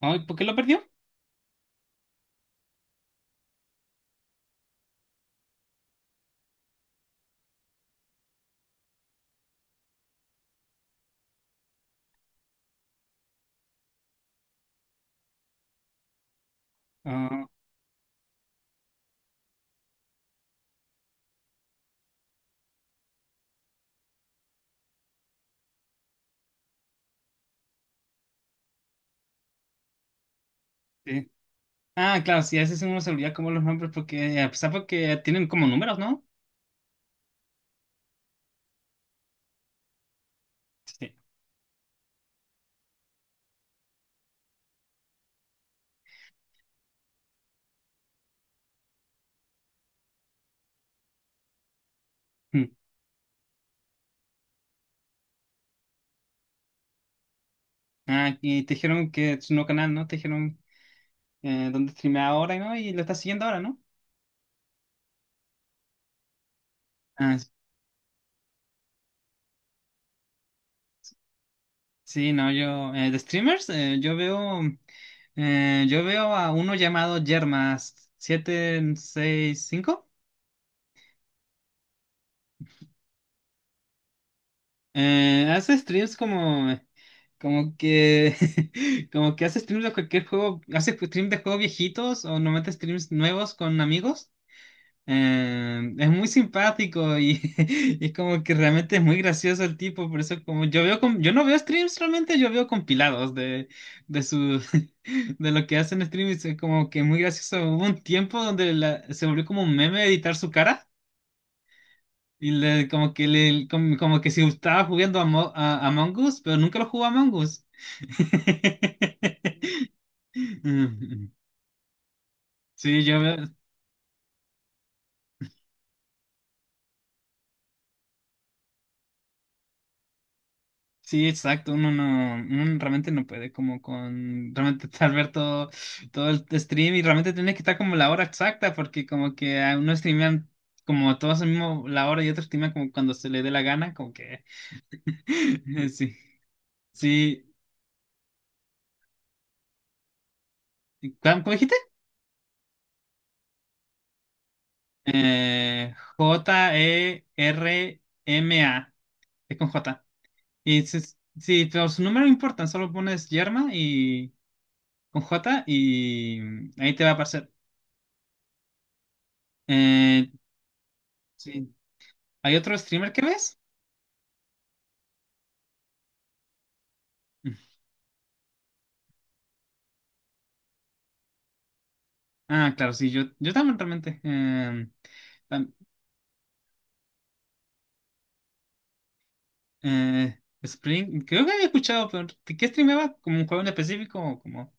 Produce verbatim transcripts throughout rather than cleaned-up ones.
Ay, ¿por qué lo perdió? Ah, sí. Ah, claro, sí, a veces uno se olvida como los nombres porque, a pesar porque tienen como números, ¿no? Sí. Mm. Ah, y te dijeron que es un nuevo canal, ¿no? Te dijeron eh, dónde streamea ahora, ¿no? Y lo estás siguiendo ahora, ¿no? Ah, s- sí, no, yo, eh, de streamers, eh, yo veo, eh, yo veo a uno llamado Yermas siete seis cinco. Eh, hace streams como. Como que, como que hace streams de cualquier juego, hace streams de juegos viejitos o no mete streams nuevos con amigos. Eh, es muy simpático y, y como que realmente es muy gracioso el tipo, por eso como yo veo, com- yo no veo streams realmente, yo veo compilados de, de su, de lo que hacen streams, es como que muy gracioso. Hubo un tiempo donde la- se volvió como un meme editar su cara. Y le- como que le, como, como que si estaba jugando a, Mo- a, a Among Us, pero nunca lo jugó a Among Us. Mm. Sí, yo veo, sí, exacto, uno no, uno realmente no puede como con, realmente estar ver todo, todo el stream y realmente tiene que estar como la hora exacta porque como que a uno streamean como todos al mismo la hora y otro streamean como cuando se le dé la gana, como que, sí, sí, ¿cómo cómo dijiste? Eh, J-E-R-M-A. Es con J. Y si, si los números no importan, solo pones yerma y con J y mm, ahí te va a aparecer. Eh, sí. ¿Hay otro streamer que ves? Mm. Ah, claro, sí, yo, yo también realmente. em, tam- eh, Spring, creo que había escuchado, pero ¿de? ¿Qué streameaba? ¿Como un juego en específico? O como...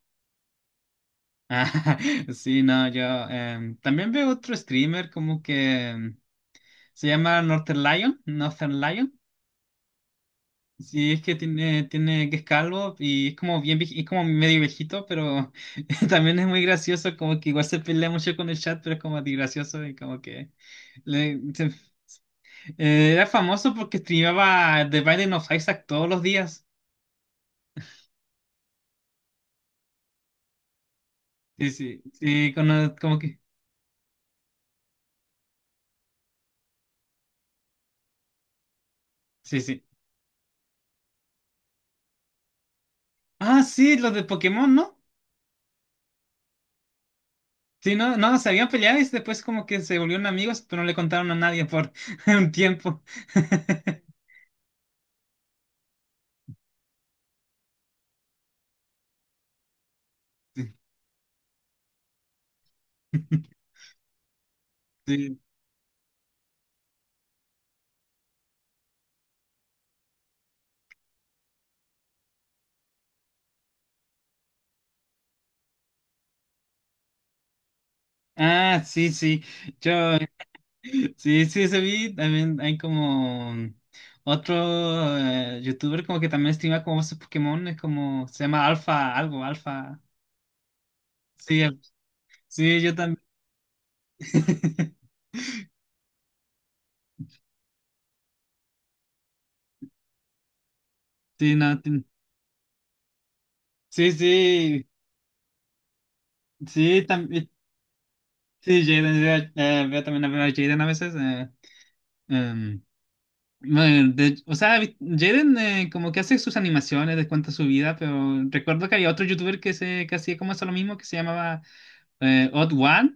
Ah, sí, no, yo, em, también veo otro streamer como que em, se llama Northern Lion, Northern Lion. Sí, es que tiene, tiene que es calvo y es como bien, vieji- es como medio viejito, pero también es muy gracioso, como que igual se pelea mucho con el chat, pero es como de gracioso y como que le- se- eh, era famoso porque streamaba The Binding of Isaac todos los días. Sí, sí, sí, cono- como que, sí, sí. Ah, sí, los de Pokémon, ¿no? Sí, no, no, se habían peleado y después como que se volvieron amigos, pero no le contaron a nadie por un tiempo. Sí. Ah, sí, sí. Yo, sí, sí, ese vi, también hay como otro eh, youtuber como que también streama como esos Pokémon, es como, se llama Alfa, algo, Alfa. Sí, eh, sí, yo también. Sí, no, tin- sí, sí, sí, también, sí, Jaden, veo, eh, veo también a ver a Jaden a veces. eh, em, bueno, de- o sea, vi- Jaden eh, como que hace sus animaciones, les cuenta su vida, pero recuerdo que había otro youtuber que, se, que hacía como eso lo mismo, que se llamaba eh, Odd One.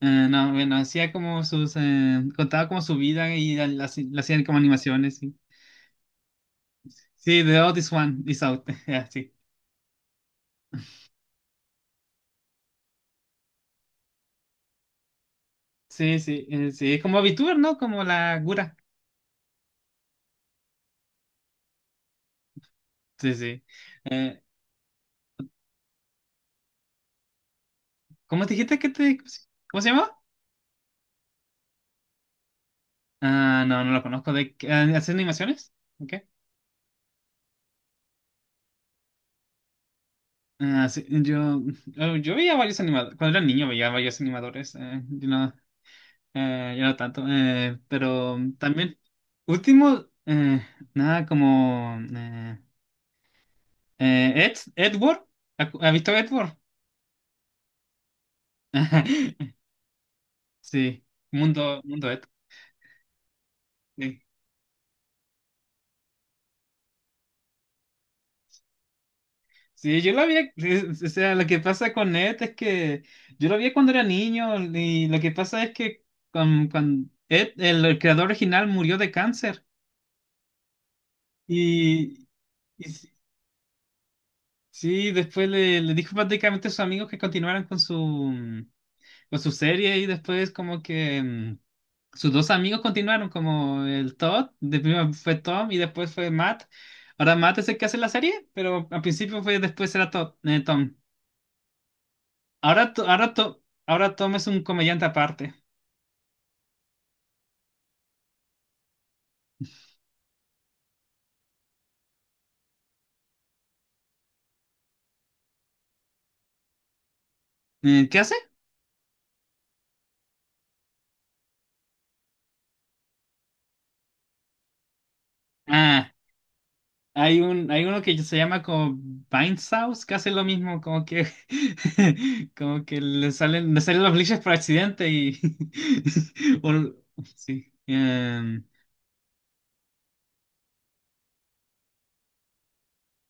Eh, no, bueno, hacía como sus, eh, contaba como su vida y la, la- la hacían como animaciones, sí. Sí, The Otis One is out, ya, sí. Sí, sí, eh, sí, es como VTuber, ¿no? Como la Gura. Sí, sí. Eh, ¿cómo te dijiste que te, cómo se llama? Ah, no, no lo conozco, ¿de qué? Ah, ¿hacer animaciones? Ok. Ah, sí, yo, eh, yo veía varios animadores, cuando era niño veía varios animadores, eh, yo no, eh, yo no tanto, eh, pero también, último, eh, nada como... eh, Eh, Ed, Edward, ¿ha ha visto Edward? Sí, mundo, mundo Ed. Sí. Sí, yo lo vi, o sea, lo que pasa con Ed es que yo lo vi cuando era niño y lo que pasa es que con, con Ed, el, el creador original murió de cáncer y, y s- sí, después le, le dijo prácticamente a sus amigos que continuaran con su, con su serie y después como que... mm. Sus dos amigos continuaron, como el Todd, de primero fue Tom y después fue Matt. Ahora Matt es el que hace la serie, pero al principio fue después era Todd, eh, Tom. Ahora, To- ahora, To- ahora Tom es un comediante aparte. Eh, ¿qué hace? Ah, hay un, hay uno que se llama como House que hace lo mismo, como que, como que le salen, le salen los glitches por accidente y, o- sí. em,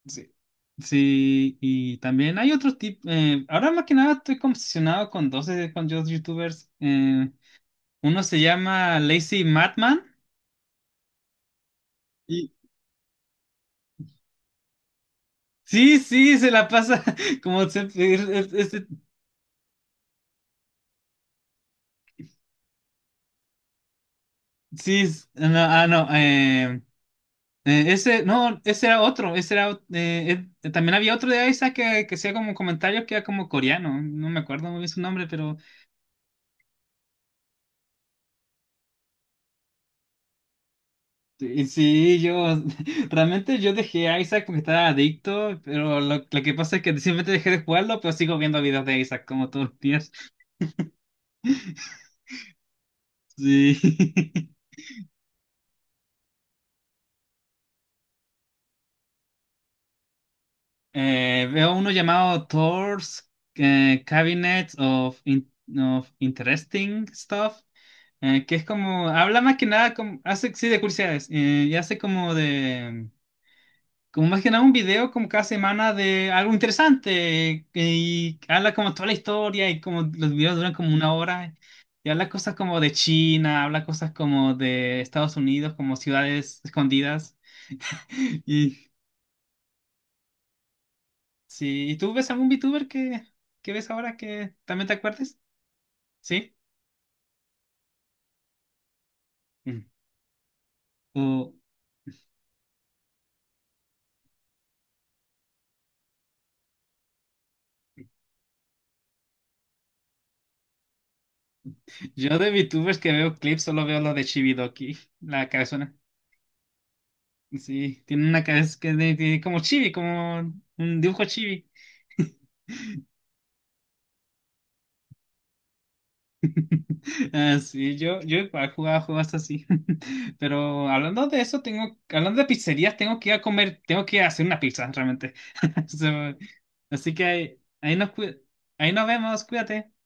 Sí, sí, y también hay otros tipos. Ahora más que nada estoy obsesionado con dos, eh, con dos youtubers. Eh, uno se llama Lazy Madman. Y sí, sí, se la pasa como siempre, es- es- es- sí, es- no, ah, no, eh, eh, ese, no, ese era otro, ese era, ot- eh, eh, también había otro de Isaac que, que hacía como comentarios que era como coreano, no me acuerdo muy bien su nombre, pero sí, sí, yo realmente yo dejé a Isaac, porque estaba adicto, pero lo, lo que pasa es que simplemente dejé de jugarlo, pero sigo viendo videos de Isaac como todos los días. Sí. Eh, veo uno llamado Thor's eh, Cabinet of, In- of Interesting Stuff, eh, que es como, habla más que nada, como, hace, sí, de curiosidades, eh, y hace como de... como más que nada un video como cada semana de algo interesante que, y habla como toda la historia y como los videos duran como una hora y habla cosas como de China, habla cosas como de Estados Unidos, como ciudades escondidas y sí, ¿y tú ves algún VTuber que, que ves ahora que también te acuerdes? ¿Sí? Mm. O- yo de VTubers que veo clips solo veo lo de Chibidoki, la cabezona. Sí, tiene una cabeza que de- de- como chibi, como un dibujo chibi. Ah, sí, yo, yo he jugado juegos así. Pero hablando de eso, tengo, hablando de pizzerías, tengo que ir a comer, tengo que ir a hacer una pizza realmente. So, así que ahí, ahí nos, cu- ahí nos vemos, cuídate.